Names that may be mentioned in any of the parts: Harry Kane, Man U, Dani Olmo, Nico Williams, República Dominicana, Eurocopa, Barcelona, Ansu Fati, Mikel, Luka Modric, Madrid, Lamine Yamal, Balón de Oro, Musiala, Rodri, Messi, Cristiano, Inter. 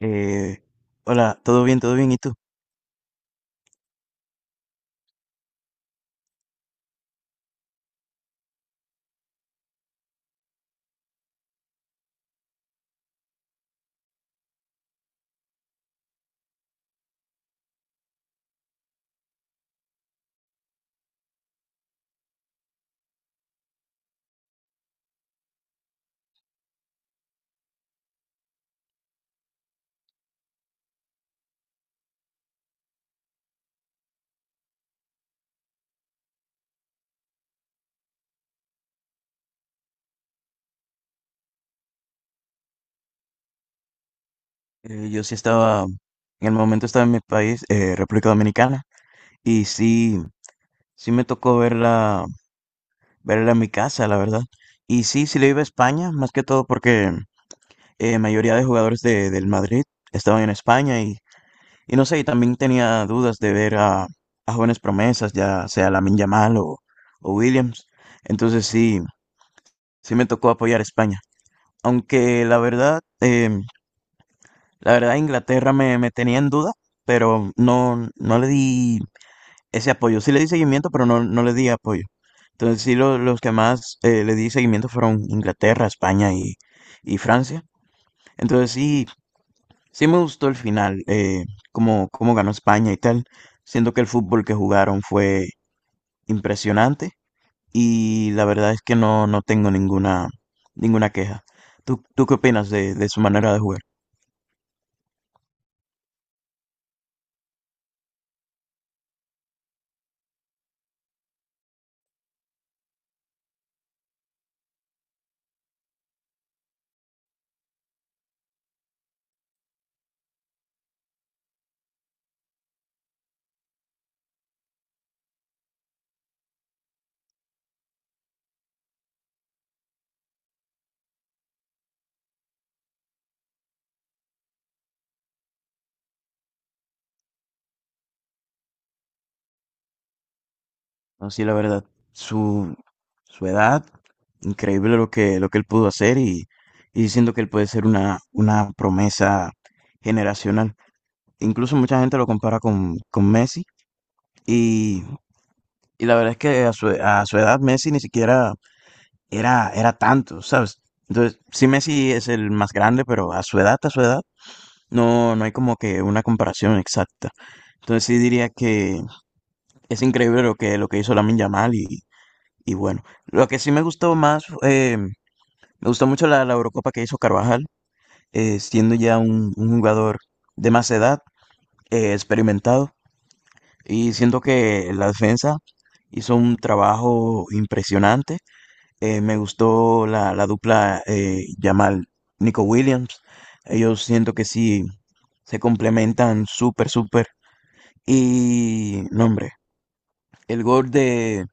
Eh, Hola, todo bien, todo bien. ¿Y tú? Yo sí estaba, en el momento estaba en mi país, República Dominicana, y sí, sí me tocó verla, verla en mi casa, la verdad. Y sí, sí le iba a España, más que todo porque mayoría de jugadores del Madrid estaban en España y no sé, y también tenía dudas de ver a jóvenes promesas, ya sea Lamine Yamal o Williams. Entonces sí, sí me tocó apoyar a España. Aunque la verdad, la verdad, Inglaterra me tenía en duda, pero no, no le di ese apoyo. Sí le di seguimiento, pero no, no le di apoyo. Entonces los que más le di seguimiento fueron Inglaterra, España y Francia. Entonces sí, sí me gustó el final, cómo ganó España y tal. Siento que el fútbol que jugaron fue impresionante y la verdad es que no, no tengo ninguna, ninguna queja. ¿ Tú qué opinas de su manera de jugar? No, sí, la verdad, su, su edad, increíble lo que él pudo hacer y siento que él puede ser una promesa generacional. Incluso mucha gente lo compara con Messi y, y la verdad es que a a su edad Messi ni siquiera era, era tanto, ¿sabes? Entonces, sí, Messi es el más grande, pero a su edad, no, no hay como que una comparación exacta. Entonces sí diría que es increíble lo que hizo Lamine Yamal y bueno, lo que sí me gustó más, me gustó mucho la Eurocopa que hizo Carvajal, siendo ya un jugador de más edad, experimentado, y siento que la defensa hizo un trabajo impresionante. Me gustó la dupla Yamal Nico Williams. Ellos siento que sí se complementan súper, súper. Y, no, hombre, el gol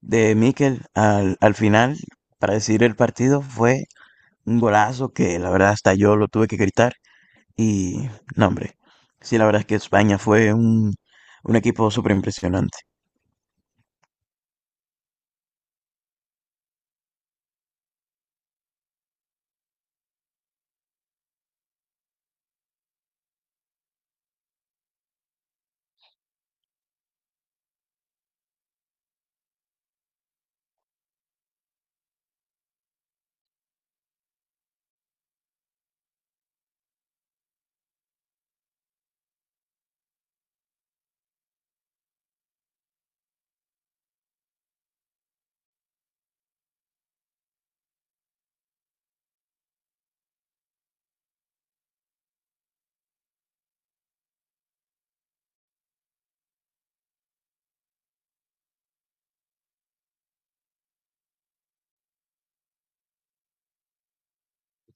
de Mikel al final para decidir el partido fue un golazo que la verdad hasta yo lo tuve que gritar y no, hombre. Sí, la verdad es que España fue un equipo súper impresionante.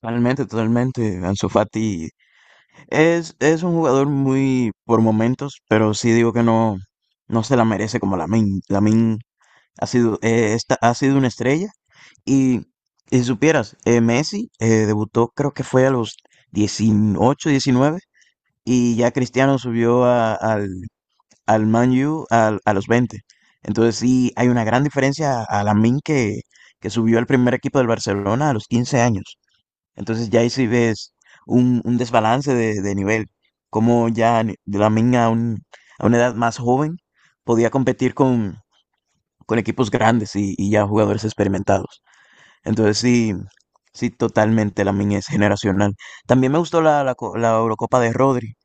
Totalmente, totalmente. Ansu Fati es un jugador muy por momentos, pero sí digo que no, no se la merece como Lamin. Lamin ha sido, ha sido una estrella y, y si supieras, Messi debutó creo que fue a los 18 19 y ya Cristiano subió al Man U a los 20. Entonces sí, hay una gran diferencia a Lamine que subió al primer equipo del Barcelona a los 15 años. Entonces ya ahí sí ves un desbalance de nivel, como Lamine a una edad más joven podía competir con equipos grandes y ya jugadores experimentados. Entonces sí, sí, totalmente Lamine es generacional. También me gustó la Eurocopa de Rodri,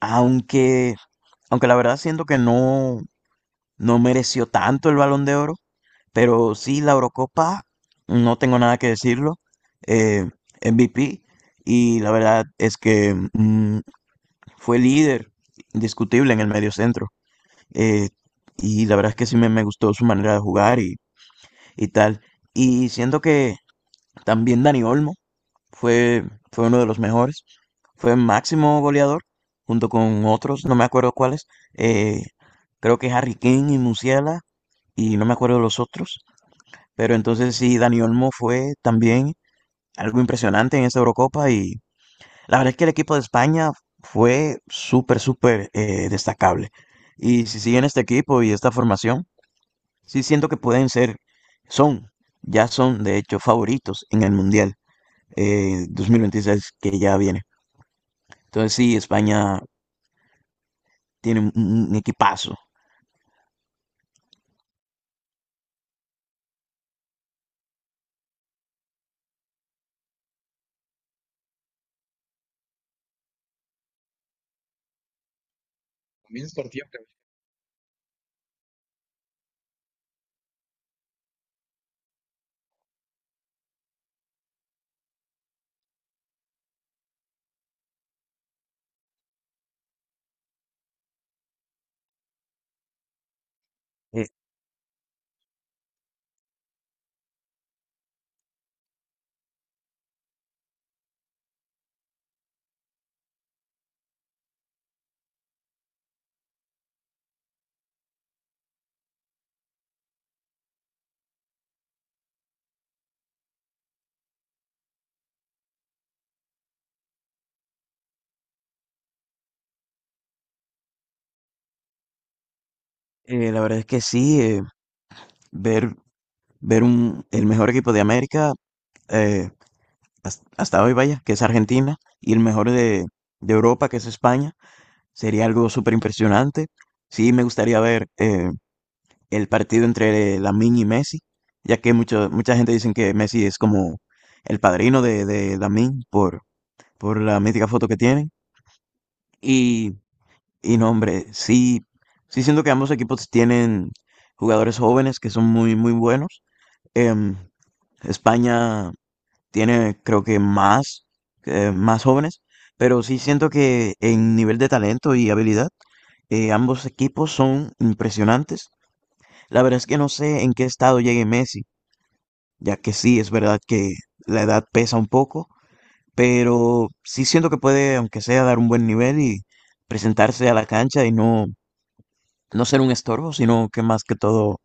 aunque... Aunque la verdad siento que no, no mereció tanto el Balón de Oro, pero sí la Eurocopa, no tengo nada que decirlo. eh, MVP, y la verdad es que fue líder indiscutible en el medio centro. eh, y la verdad es que sí me gustó su manera de jugar y tal. Y siento que también Dani Olmo fue, fue uno de los mejores. Fue máximo goleador, junto con otros, no me acuerdo cuáles. eh, Creo que Harry Kane y Musiala, y no me acuerdo de los otros. Pero entonces sí, Dani Olmo fue también algo impresionante en esta Eurocopa. Y la verdad es que el equipo de España fue súper, súper destacable. Y si siguen este equipo y esta formación, sí siento que pueden ser, son, ya son de hecho favoritos en el Mundial 2026 que ya viene. Entonces sí, España tiene un equipazo. Eh, la verdad es que sí, ver, ver un, el mejor equipo de América eh, hasta hoy, vaya, que es Argentina, y el mejor de Europa, que es España, sería algo súper impresionante. Sí, me gustaría ver el partido entre Lamine y Messi, ya que mucho, mucha gente dicen que Messi es como el padrino de Lamine por la mítica foto que tienen. Y, y no, hombre, sí, sí siento que ambos equipos tienen jugadores jóvenes que son muy, muy buenos. Em, España tiene, creo que más, más jóvenes, pero sí siento que en nivel de talento y habilidad, ambos equipos son impresionantes. La verdad es que no sé en qué estado llegue Messi ya que sí, es verdad que la edad pesa un poco, pero sí siento que puede, aunque sea, dar un buen nivel y presentarse a la cancha y no, no ser un estorbo, sino que más que todo,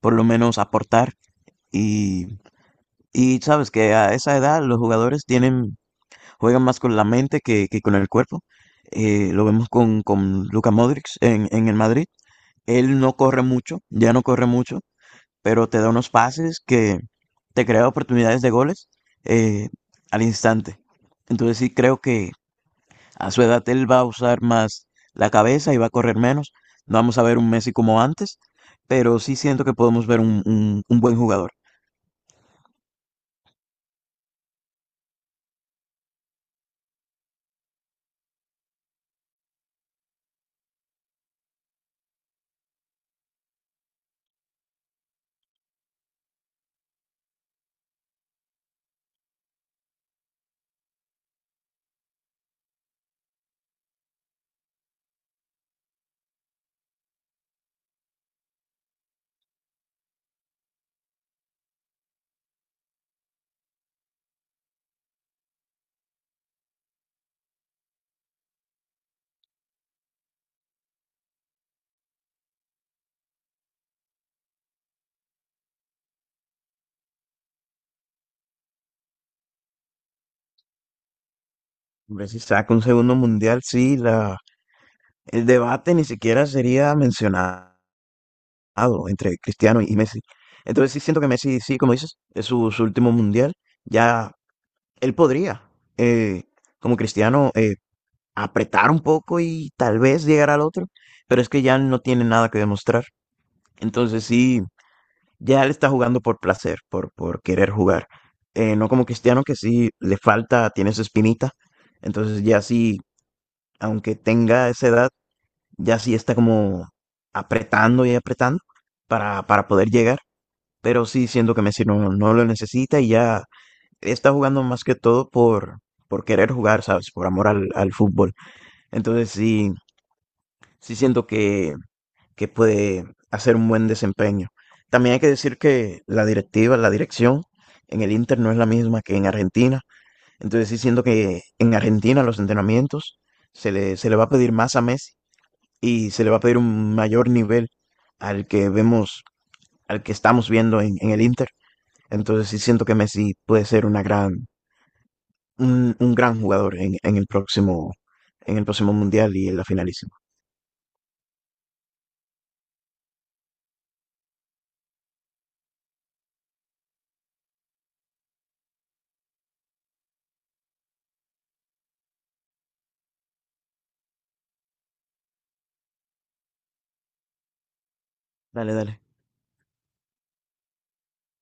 por lo menos aportar. Y, y sabes que a esa edad los jugadores tienen, juegan más con la mente que con el cuerpo. Lo vemos con Luka Modric en el Madrid. Él no corre mucho, ya no corre mucho, pero te da unos pases que te crea oportunidades de goles eh, al instante. Entonces sí creo que a su edad él va a usar más la cabeza y va a correr menos. No vamos a ver un Messi como antes, pero sí siento que podemos ver un buen jugador. Hombre, si saca un segundo mundial, sí, la, el debate ni siquiera sería mencionado entre Cristiano y Messi. Entonces sí siento que Messi, sí, como dices, es su último mundial. Ya él podría, eh, como Cristiano, apretar un poco y tal vez llegar al otro, pero es que ya no tiene nada que demostrar. Entonces sí, ya él está jugando por placer, por querer jugar. No como Cristiano que sí le falta, tiene su espinita. Entonces ya sí, aunque tenga esa edad, ya sí está como apretando y apretando para poder llegar. Pero sí siento que Messi no, no lo necesita y ya está jugando más que todo por querer jugar, ¿sabes? Por amor al, al fútbol. Entonces sí, sí siento que puede hacer un buen desempeño. También hay que decir que la directiva, la dirección en el Inter no es la misma que en Argentina. Entonces sí siento que en Argentina los entrenamientos se le va a pedir más a Messi y se le va a pedir un mayor nivel al que vemos, al que estamos viendo en el Inter. Entonces sí siento que Messi puede ser una gran, un gran jugador en el próximo Mundial y en la finalísima. Dale, dale.